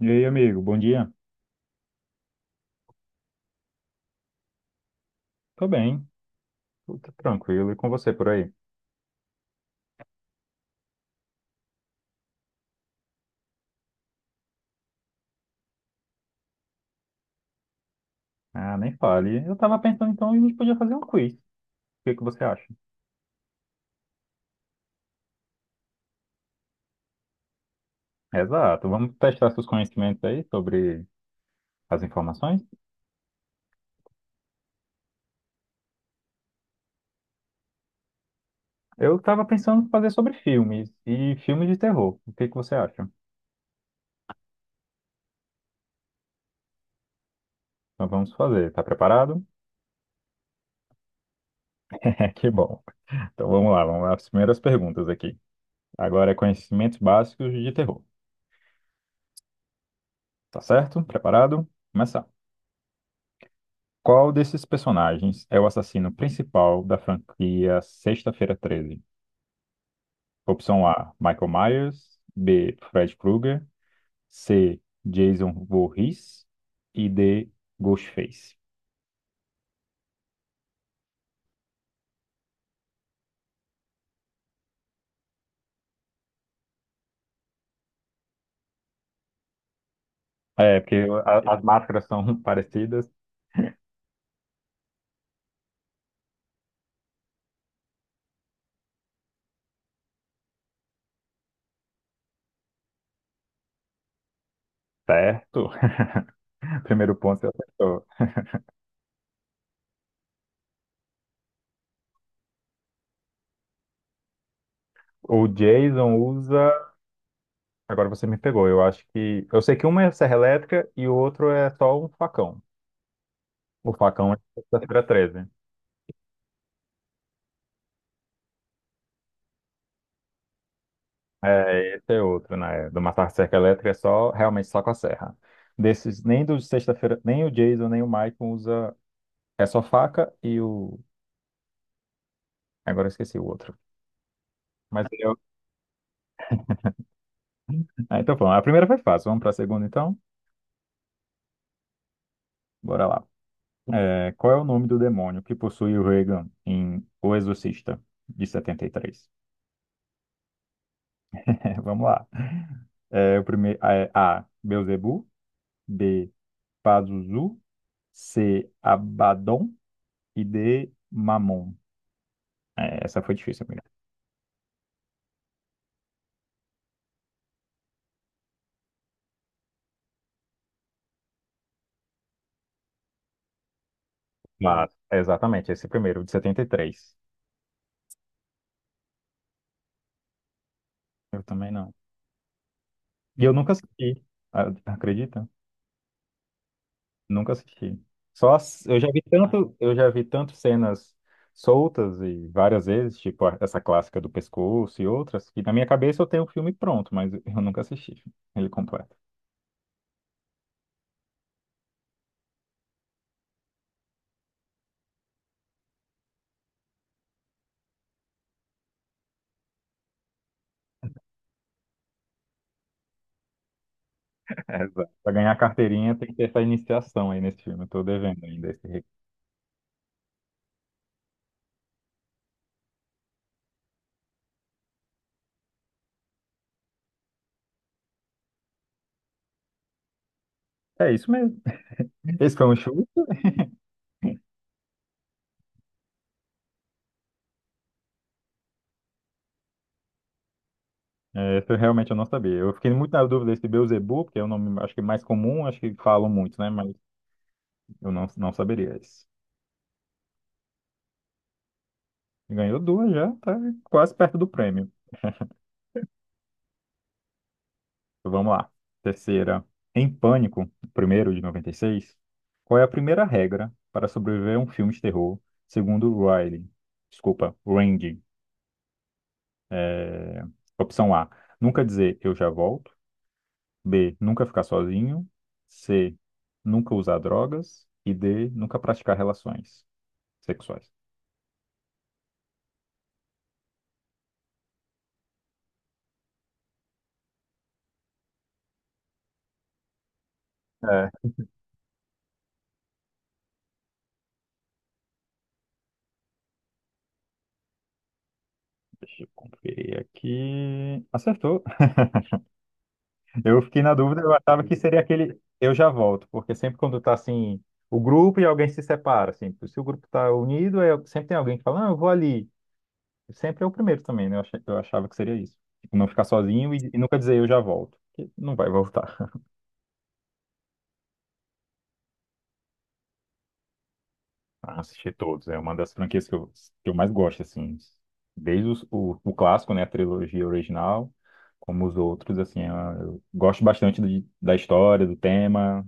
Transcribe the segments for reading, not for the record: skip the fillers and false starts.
E aí, amigo, bom dia. Tô bem, tudo tranquilo. E com você por aí? Ah, nem fale. Eu tava pensando então a gente podia fazer um quiz. O que que você acha? Exato. Vamos testar seus conhecimentos aí sobre as informações. Eu tava pensando em fazer sobre filmes e filmes de terror. O que que você acha? Então vamos fazer. Tá preparado? É, que bom. Então vamos lá, vamos lá. As primeiras perguntas aqui. Agora é conhecimentos básicos de terror. Tá certo? Preparado? Começar. Qual desses personagens é o assassino principal da franquia Sexta-feira 13? Opção A, Michael Myers; B, Fred Krueger; C, Jason Voorhees; e D, Ghostface. É, porque as máscaras são parecidas, certo? Primeiro ponto você acertou. O Jason usa. Agora você me pegou. Eu acho que. Eu sei que uma é serra elétrica e o outro é só um facão. O facão é Sexta-feira 13. É, esse é outro, né? Do Massacre da Serra Elétrica é só, realmente só com a serra. Desses, nem do Sexta-feira, nem o Jason, nem o Michael usa, é só faca e o... Agora eu esqueci o outro. Mas eu... Ah, então vamos, a primeira foi fácil, vamos para a segunda então? Bora lá. É, qual é o nome do demônio que possui o Regan em O Exorcista, de 73? Vamos lá. É, o primeiro, é, A, Beelzebub; B, Pazuzu; C, Abaddon; e D, Mamon. É, essa foi difícil, amiga. Mas, exatamente, esse primeiro, de 73. Eu também não. E eu nunca assisti, acredita? Nunca assisti. Eu já vi tanto, eu já vi tanto cenas soltas e várias vezes, tipo essa clássica do pescoço e outras, que na minha cabeça eu tenho o filme pronto, mas eu nunca assisti ele completo. Exato. Pra ganhar a carteirinha tem que ter essa iniciação aí nesse filme. Eu tô devendo ainda esse recurso. É isso mesmo. Esse foi um show. É, essa eu realmente eu não sabia. Eu fiquei muito na dúvida se Beelzebub, que é o nome acho que mais comum, acho que falam muito, né? Mas eu não saberia isso. Ganhou duas já, tá quase perto do prêmio. Então, vamos lá. Terceira. Em Pânico, primeiro de 96. Qual é a primeira regra para sobreviver a um filme de terror, segundo Riley? Desculpa, Randy. É, opção A, nunca dizer eu já volto. B, nunca ficar sozinho. C, nunca usar drogas. E D, nunca praticar relações sexuais. É. Deixa eu conferir aqui. Acertou. Eu fiquei na dúvida, eu achava que seria aquele eu já volto, porque sempre quando tá assim, o grupo e alguém se separa, assim, se o grupo tá unido, sempre tem alguém que fala, não, eu vou ali. Sempre é o primeiro também, né? Eu achava que seria isso. Tipo, não ficar sozinho e nunca dizer eu já volto, porque não vai voltar. Ah, assisti todos. É uma das franquias que eu mais gosto, assim. Desde o clássico, né? A trilogia original, como os outros, assim. É, eu gosto bastante da história, do tema,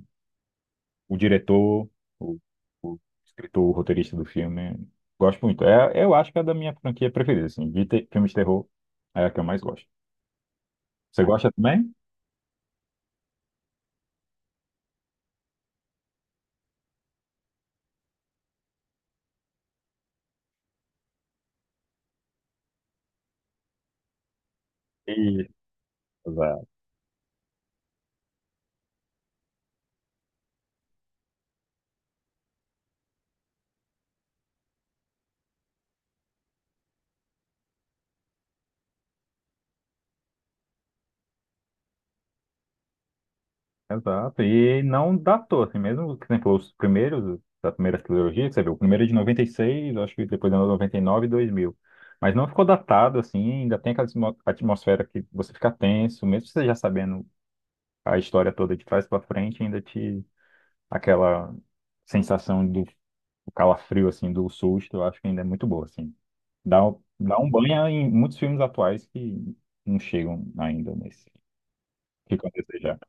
o diretor, o, o escritor, o roteirista do filme. Gosto muito. É, eu acho que é da minha franquia preferida, assim. De filmes de terror, é a que eu mais gosto. Você gosta também? E... Exato. E não datou, assim, mesmo que você falou os primeiros, da primeira trilogia, que você viu, o primeiro é de 96, acho que depois é 99 e 2000. Mas não ficou datado, assim, ainda tem aquela atmosfera que você fica tenso, mesmo você já sabendo a história toda de trás pra frente, ainda te... aquela sensação do calafrio, assim, do susto, eu acho que ainda é muito boa, assim. Dá um banho em muitos filmes atuais que não chegam ainda nesse. Ficam a desejar.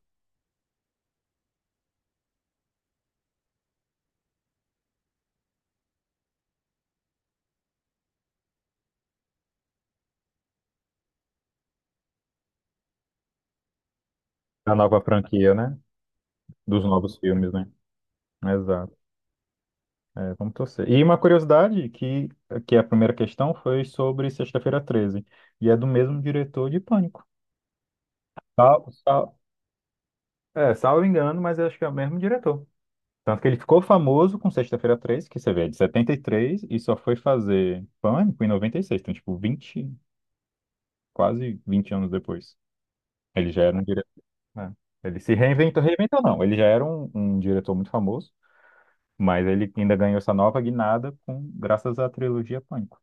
A nova franquia, né? Dos novos filmes, né? Exato. É, vamos torcer. E uma curiosidade, que é a primeira questão foi sobre Sexta-feira 13 e é do mesmo diretor de Pânico. Sal, sal, é, salvo engano, mas eu acho que é o mesmo diretor. Tanto que ele ficou famoso com Sexta-feira 13, que você vê, é de 73, e três, e só foi fazer Pânico em 96, então, tipo, 20, quase 20 anos depois. Ele já era um diretor, né? Ele se reinventou, reinventou não, ele já era um diretor muito famoso. Mas ele ainda ganhou essa nova guinada com, graças à trilogia Pânico.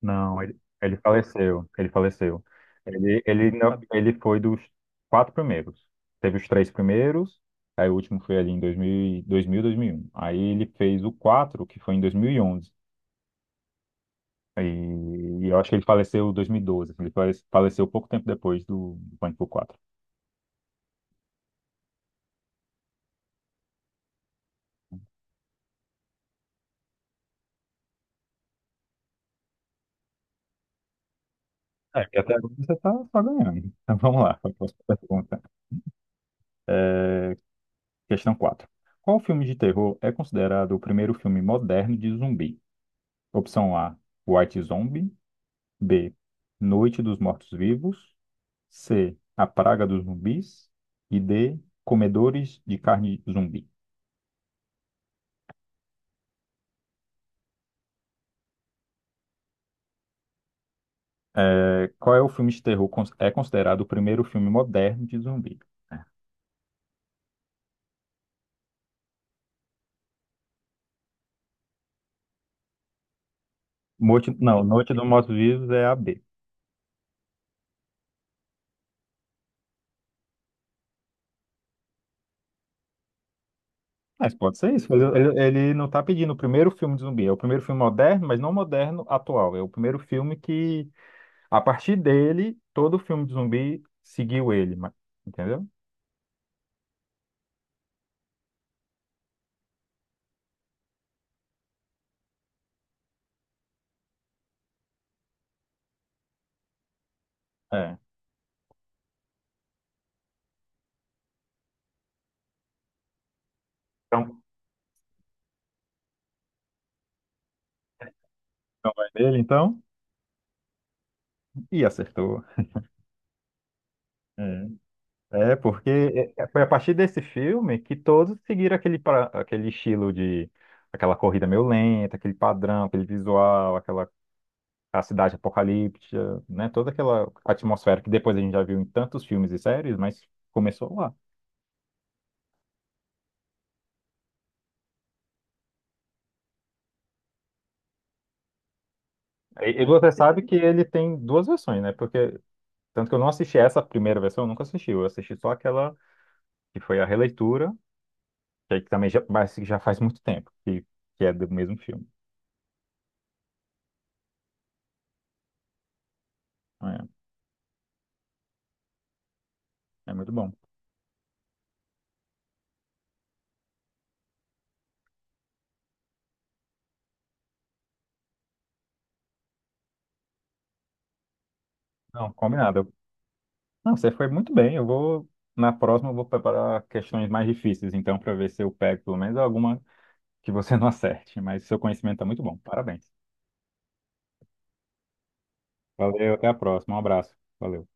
Não, ele faleceu. Ele faleceu. Não, ele foi dos quatro primeiros. Teve os três primeiros, aí o último foi ali em 2000, 2000, 2001. Aí ele fez o quatro, que foi em 2011. E eu acho que ele faleceu em 2012, assim. Ele faleceu pouco tempo depois do Pânico 4. É, porque até agora você tá ganhando. Então vamos lá, para a próxima pergunta. É, questão 4. Qual filme de terror é considerado o primeiro filme moderno de zumbi? Opção A, White Zombie. B, Noite dos Mortos-Vivos. C, A Praga dos Zumbis. E D, Comedores de Carne Zumbi. É, qual é o filme de terror é considerado o primeiro filme moderno de zumbi? Morte, não, Noite dos Mortos-Vivos é a B. Mas pode ser isso. Ele não está pedindo o primeiro filme de zumbi. É o primeiro filme moderno, mas não moderno atual. É o primeiro filme que. A partir dele, todo filme de zumbi seguiu ele, entendeu? É. Então, vai dele, então, e acertou. É, é, porque foi a partir desse filme que todos seguiram aquele, aquele estilo de aquela corrida meio lenta, aquele padrão, aquele visual, aquela a cidade apocalíptica, né? Toda aquela atmosfera que depois a gente já viu em tantos filmes e séries, mas começou lá. E você sabe que ele tem duas versões, né? Porque tanto que eu não assisti essa primeira versão, eu nunca assisti, eu assisti só aquela que foi a releitura, que aí também já, mas que já faz muito tempo, que é do mesmo filme. É, é muito bom. Não, combinado. Não, você foi muito bem. Eu vou, na próxima, eu vou preparar questões mais difíceis, então, para ver se eu pego pelo menos alguma que você não acerte. Mas seu conhecimento está muito bom. Parabéns. Valeu, até a próxima. Um abraço. Valeu.